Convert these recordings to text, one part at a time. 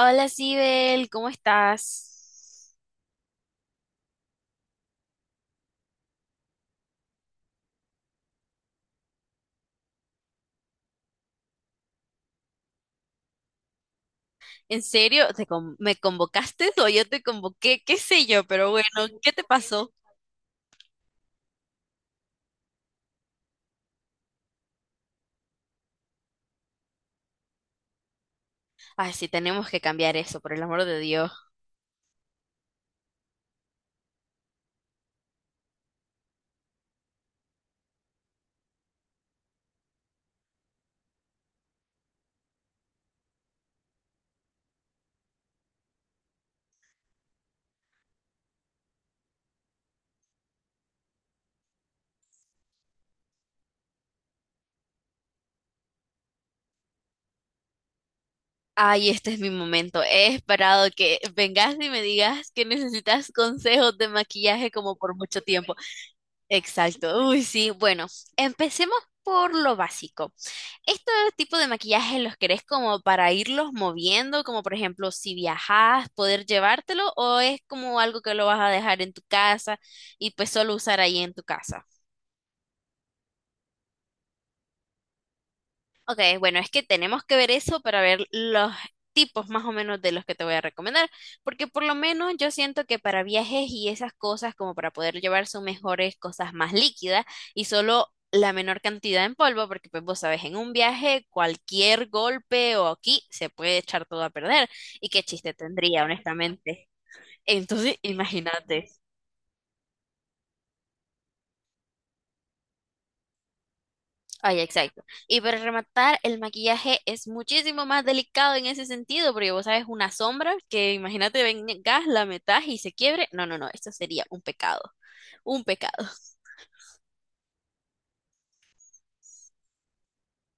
Hola, Sibel, ¿cómo estás? ¿En serio? ¿Me convocaste o yo te convoqué? ¿Qué sé yo? Pero bueno, ¿qué te pasó? Ay, sí, tenemos que cambiar eso, por el amor de Dios. Ay, este es mi momento. He esperado que vengas y me digas que necesitas consejos de maquillaje como por mucho tiempo. Exacto. Uy, sí. Bueno, empecemos por lo básico. Este tipo de maquillaje los querés como para irlos moviendo, como por ejemplo si viajás, poder llevártelo, o es como algo que lo vas a dejar en tu casa y pues solo usar ahí en tu casa. Ok, bueno, es que tenemos que ver eso para ver los tipos más o menos de los que te voy a recomendar, porque por lo menos yo siento que para viajes y esas cosas, como para poder llevar son mejores cosas más líquidas y solo la menor cantidad en polvo, porque pues vos sabes, en un viaje cualquier golpe o aquí se puede echar todo a perder y qué chiste tendría, honestamente. Entonces, imagínate. Ay, exacto. Y para rematar, el maquillaje es muchísimo más delicado en ese sentido, porque vos sabes, una sombra que imagínate vengas, la metas y se quiebre. No, no, no, esto sería un pecado, un pecado.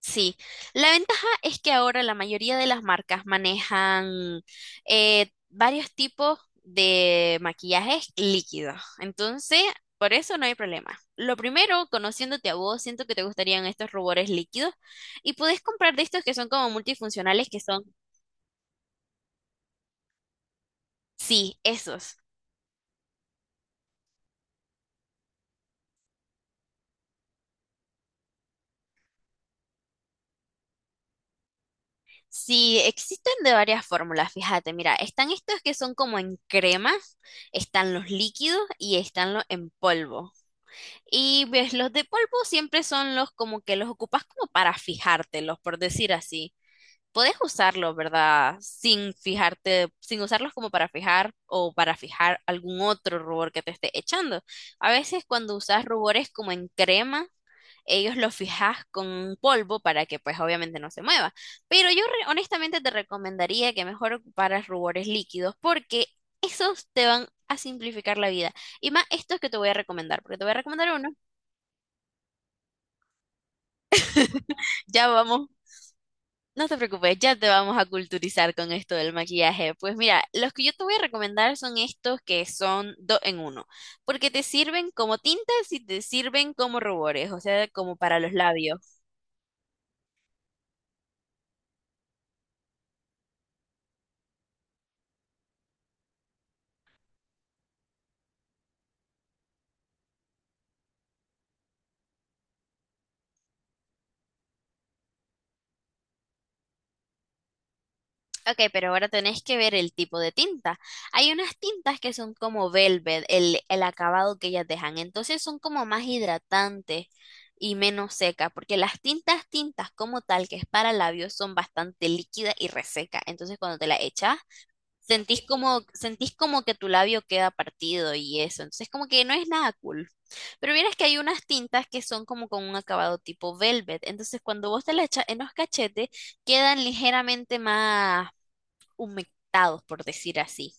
Sí, la ventaja es que ahora la mayoría de las marcas manejan varios tipos de maquillajes líquidos. Entonces, por eso no hay problema. Lo primero, conociéndote a vos, siento que te gustarían estos rubores líquidos. Y puedes comprar de estos que son como multifuncionales, que son Sí, esos. Sí, existen de varias fórmulas, fíjate, mira, están estos que son como en crema, están los líquidos y están los en polvo. Y ves, los de polvo siempre son los como que los ocupas como para fijártelos, por decir así. Puedes usarlos, ¿verdad? Sin fijarte, sin usarlos como para fijar o para fijar algún otro rubor que te esté echando. A veces cuando usas rubores como en crema, ellos lo fijas con un polvo para que pues obviamente no se mueva. Pero yo honestamente te recomendaría que mejor ocuparas rubores líquidos porque esos te van a simplificar la vida. Y más estos que te voy a recomendar, porque te voy a recomendar uno. Ya vamos, no te preocupes, ya te vamos a culturizar con esto del maquillaje. Pues mira, los que yo te voy a recomendar son estos que son dos en uno, porque te sirven como tintas y te sirven como rubores, o sea, como para los labios. Ok, pero ahora tenés que ver el tipo de tinta. Hay unas tintas que son como velvet, el acabado que ellas dejan. Entonces son como más hidratantes y menos secas, porque las tintas, tintas como tal, que es para labios, son bastante líquidas y reseca, Entonces cuando te la echas, sentís como que tu labio queda partido y eso. Entonces como que no es nada cool. Pero vieras que hay unas tintas que son como con un acabado tipo velvet. Entonces cuando vos te la echas en los cachetes, quedan ligeramente más humectados, por decir así.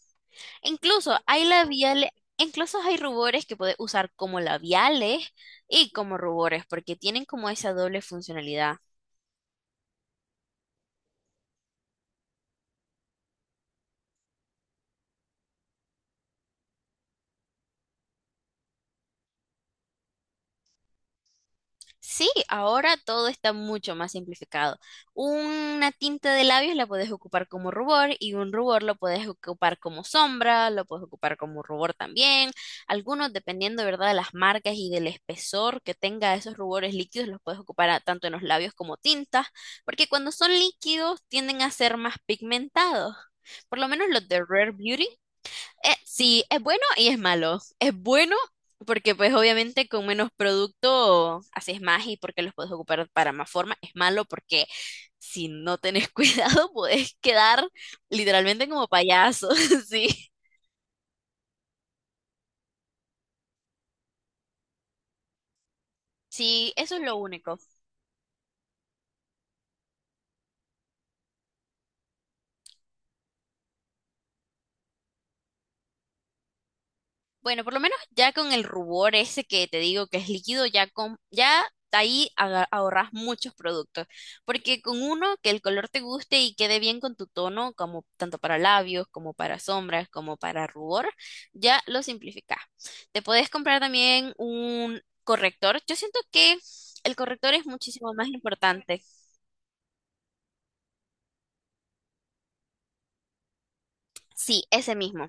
Incluso hay labiales, incluso hay rubores que puedes usar como labiales y como rubores, porque tienen como esa doble funcionalidad. Sí, ahora todo está mucho más simplificado. Una tinta de labios la puedes ocupar como rubor y un rubor lo puedes ocupar como sombra, lo puedes ocupar como rubor también. Algunos, dependiendo, ¿verdad?, de las marcas y del espesor que tenga esos rubores líquidos, los puedes ocupar tanto en los labios como tintas, porque cuando son líquidos tienden a ser más pigmentados. Por lo menos los de Rare Beauty sí, es bueno y es malo. Es bueno porque pues obviamente con menos producto haces más y porque los puedes ocupar para más forma. Es malo porque si no tenés cuidado puedes quedar literalmente como payaso. Sí, sí, eso es lo único. Bueno, por lo menos ya con el rubor ese que te digo que es líquido, ya con, ya de ahí ahorras muchos productos. Porque con uno que el color te guste y quede bien con tu tono, como tanto para labios, como para sombras, como para rubor, ya lo simplificas. Te puedes comprar también un corrector. Yo siento que el corrector es muchísimo más importante. Sí, ese mismo.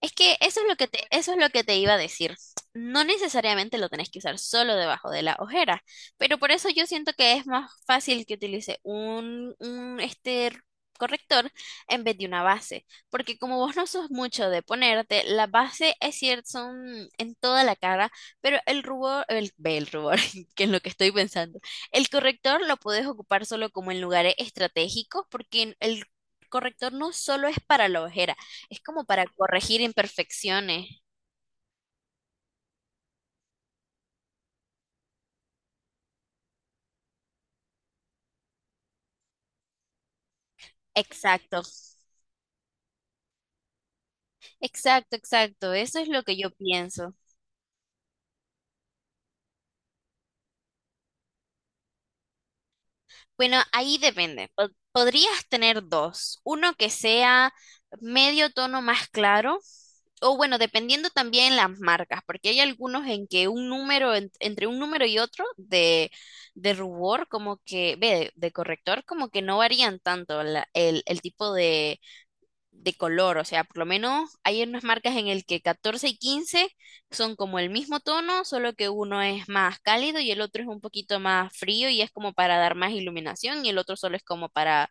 Es que eso es lo que te, eso es lo que te iba a decir. No necesariamente lo tenés que usar solo debajo de la ojera, pero por eso yo siento que es más fácil que utilice un este corrector en vez de una base, porque como vos no sos mucho de ponerte, la base es cierto, son en toda la cara, pero el rubor, el rubor, que es lo que estoy pensando, el corrector lo podés ocupar solo como en lugares estratégicos, porque el corrector no solo es para la ojera, es como para corregir imperfecciones. Exacto. Exacto, exacto. Eso es lo que yo pienso. Bueno, ahí depende. Podrías tener dos. Uno que sea medio tono más claro. O bueno, dependiendo también las marcas, porque hay algunos en que un número, entre un número y otro de rubor, como que, ve, de, corrector, como que no varían tanto el tipo de, color, o sea, por lo menos hay unas marcas en el que 14 y 15 son como el mismo tono, solo que uno es más cálido y el otro es un poquito más frío y es como para dar más iluminación y el otro solo es como para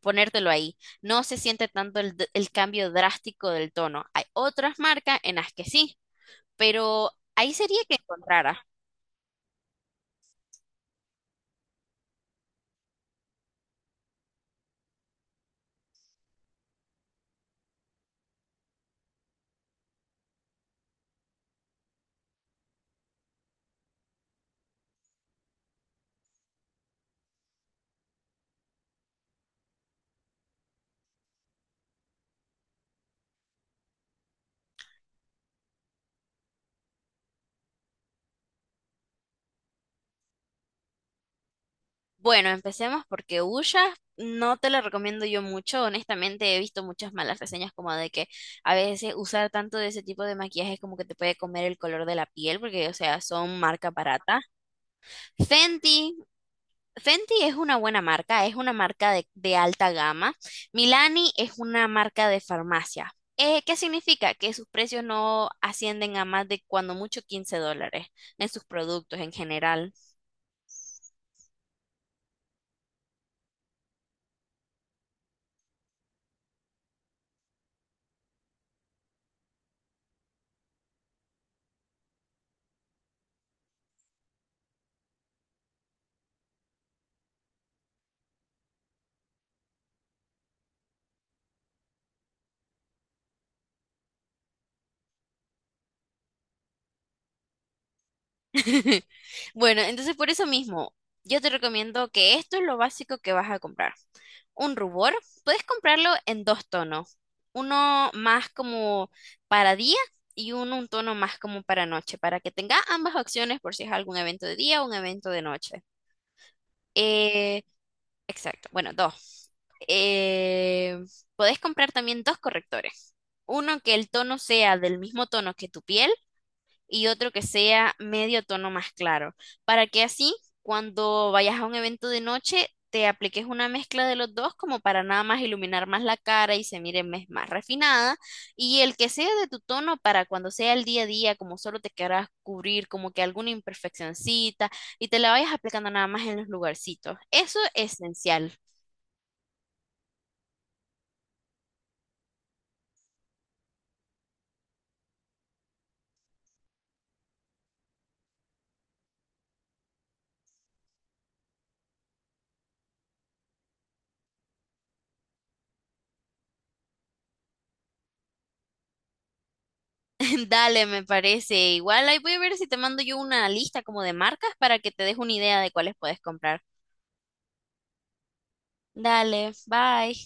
ponértelo ahí. No se siente tanto el, el cambio drástico del tono. Hay otras marcas en las que sí, pero ahí sería que encontraras. Bueno, empecemos porque Ulla no te la recomiendo yo mucho. Honestamente, he visto muchas malas reseñas como de que a veces usar tanto de ese tipo de maquillaje es como que te puede comer el color de la piel, porque, o sea, son marca barata. Fenty, Fenty es una buena marca, es una marca de alta gama. Milani es una marca de farmacia. ¿Qué significa? Que sus precios no ascienden a más de cuando mucho $15 en sus productos en general. Bueno, entonces por eso mismo, yo te recomiendo que esto es lo básico que vas a comprar. Un rubor, puedes comprarlo en dos tonos, uno más como para día y uno un tono más como para noche, para que tenga ambas opciones por si es algún evento de día o un evento de noche. Eh, exacto, bueno, dos. Eh, Puedes comprar también dos correctores, uno que el tono sea del mismo tono que tu piel y otro que sea medio tono más claro, para que así cuando vayas a un evento de noche te apliques una mezcla de los dos como para nada más iluminar más la cara y se mire más refinada y el que sea de tu tono para cuando sea el día a día como solo te querrás cubrir como que alguna imperfeccioncita y te la vayas aplicando nada más en los lugarcitos. Eso es esencial. Dale, me parece. Igual ahí voy a ver si te mando yo una lista como de marcas para que te des una idea de cuáles puedes comprar. Dale, bye.